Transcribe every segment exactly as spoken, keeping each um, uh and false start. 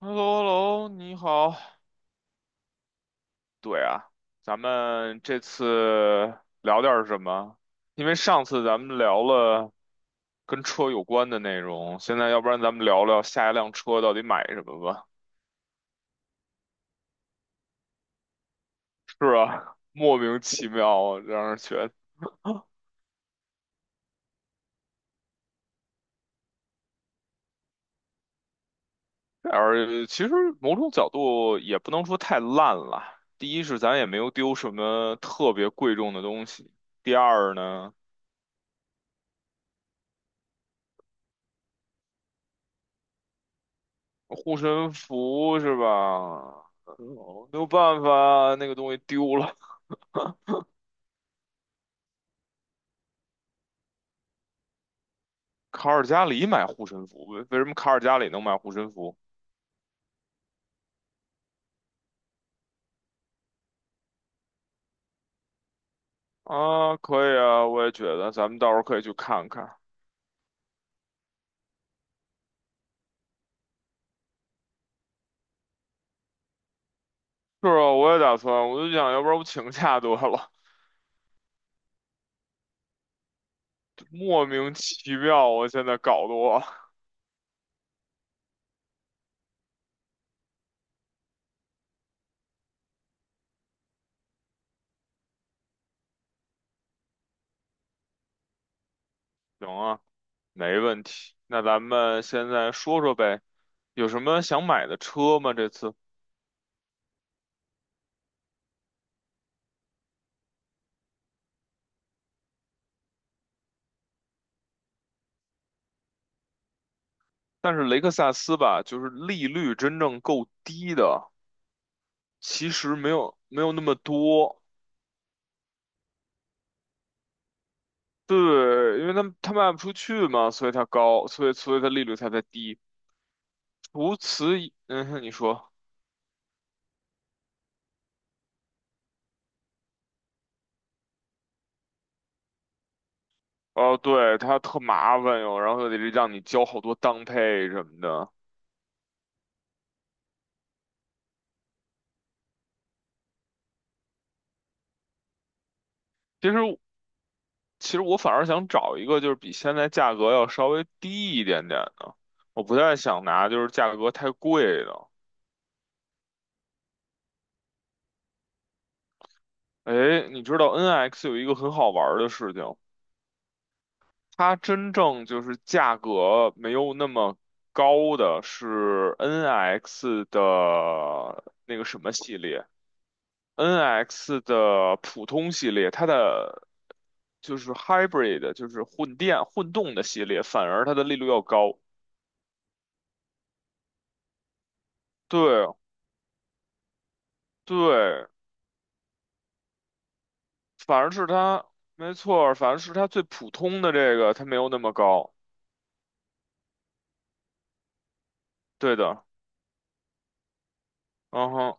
h e l l o h e l l o 你好。对啊，咱们这次聊点儿什么？因为上次咱们聊了跟车有关的内容，现在要不然咱们聊聊下一辆车到底买什么吧？是啊，莫名其妙啊，让人觉得。而其实某种角度也不能说太烂了。第一是咱也没有丢什么特别贵重的东西，第二呢。护身符是吧？哦没有办法，那个东西丢了。卡尔加里买护身符，为为什么卡尔加里能买护身符啊？可以啊，我也觉得，咱们到时候可以去看看。是啊，我也打算，我就想要不然我请假得了，莫名其妙，我现在搞得我。行啊，没问题。那咱们现在说说呗，有什么想买的车吗？这次，但是雷克萨斯吧，就是利率真正够低的。其实没有没有那么多，对，因为他们他卖不出去嘛，所以它高，所以所以它利率才在低。除此以，嗯哼，你说，哦，对，它特麻烦哟，然后又得让你交好多当配什么的。其实其实我反而想找一个就是比现在价格要稍微低一点点的，我不太想拿就是价格太贵的。哎，你知道 N X 有一个很好玩儿的事情。它真正就是价格没有那么高的是 N X 的那个什么系列，N X 的普通系列，它的就是 hybrid，就是混电混动的系列，反而它的利率要高。对对，反而是它，没错儿反而是它最普通的这个，它没有那么高。对的，嗯哼，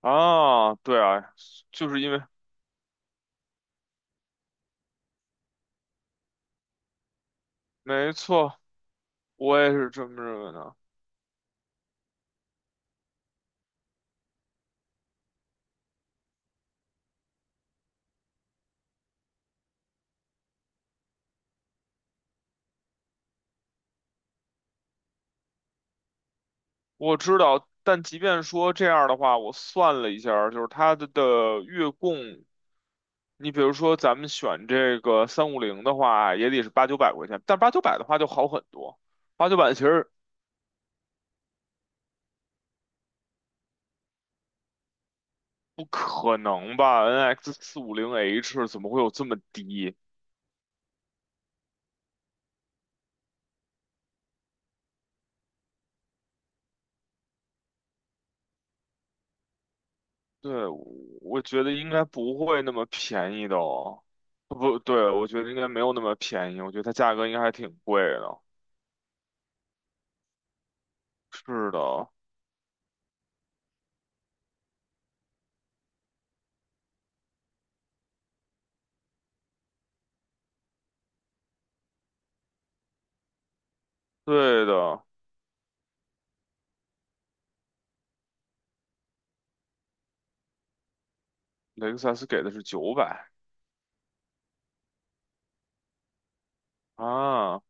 啊，对啊，就是因为没错，我也是这么认为的。我知道，但即便说这样的话，我算了一下儿就是它的的月供，你比如说咱们选这个三五零的话，也得是八九百块钱，但八九百的话就好很多，八九百其实不可能吧？N X 四五零 H 怎么会有这么低？对，我我觉得应该不会那么便宜的哦。不对，我觉得应该没有那么便宜，我觉得它价格应该还挺贵的。是的，对的，雷克萨斯给的是九百啊。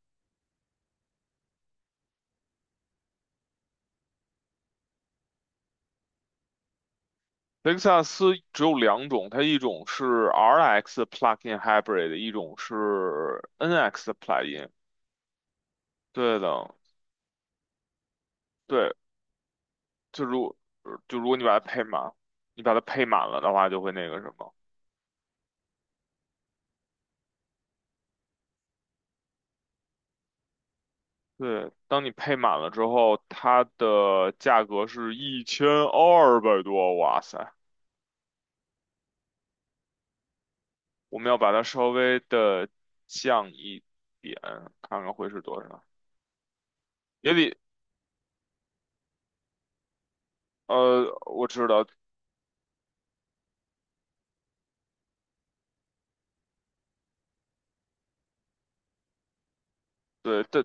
雷克萨斯只有两种，它一种是 R X plug-in hybrid，一种是 N X plug-in。对的，对，就如就如果你把它配满，你把它配满了的话，就会那个什么。对，当你配满了之后，它的价格是一千二百多，哇塞！我们要把它稍微的降一点，看看会是多少，也比呃，我知道，对，但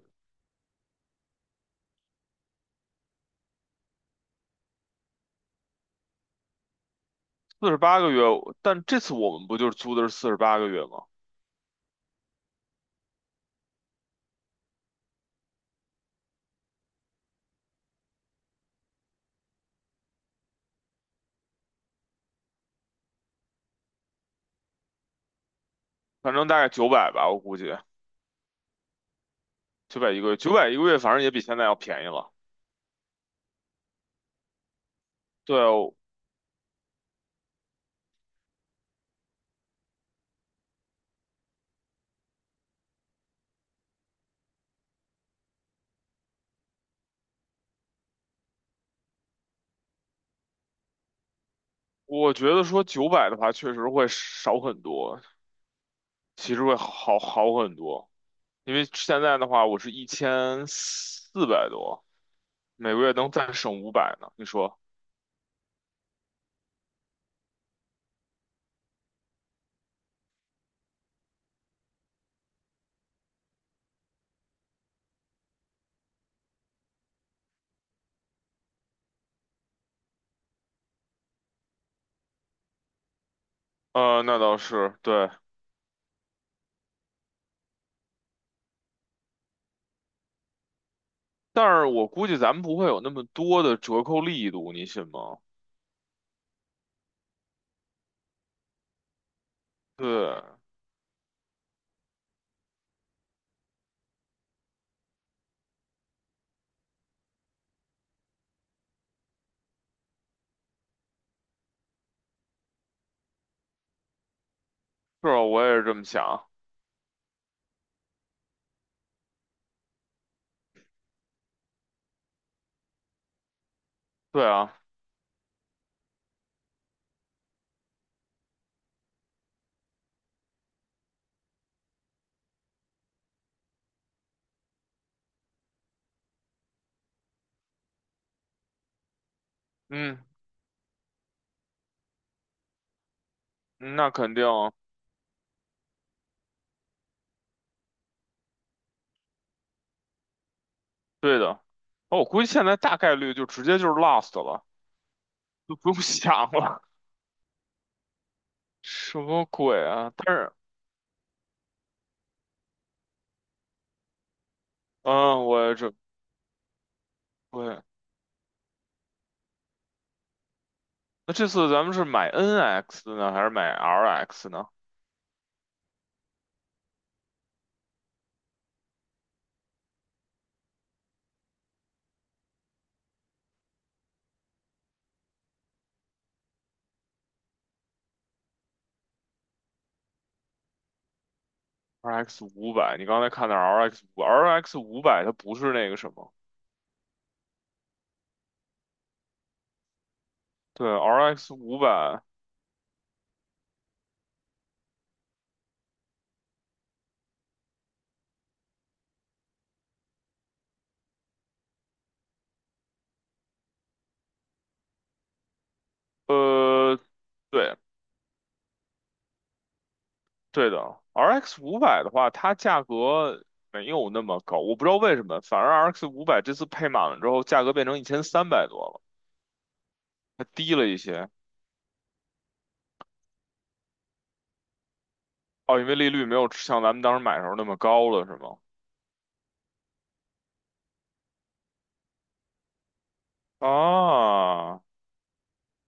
四十八个月，但这次我们不就是租的是四十八个月吗？反正大概九百吧，我估计九百一个月，九百一个月反正也比现在要便宜了。对，我觉得说九百的话，确实会少很多，其实会好好很多。因为现在的话，我是一千四百多，每个月能再省五百呢。你说？呃，那倒是对，但是我估计咱们不会有那么多的折扣力度，你信吗？对，是啊，我也是这么想。对啊，嗯。嗯那肯定啊，对的。哦，我估计现在大概率就直接就是 Lost 了，就 不用想了。什么鬼啊？但是，嗯，我也这对。那这次咱们是买 NX 呢，还是买 RX 呢？RX 五百，你刚才看的 RX 五，RX 五百它不是那个什么，对，RX 五百，呃，对，对的，RX 五百的话，它价格没有那么高，我不知道为什么，反而 R X 五百这次配满了之后，价格变成一千三百多了。还低了一些哦，因为利率没有像咱们当时买的时候那么高了，是吗？啊，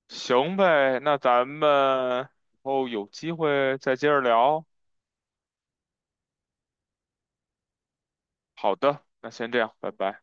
行呗，那咱们以后有机会再接着聊。好的，那先这样，拜拜。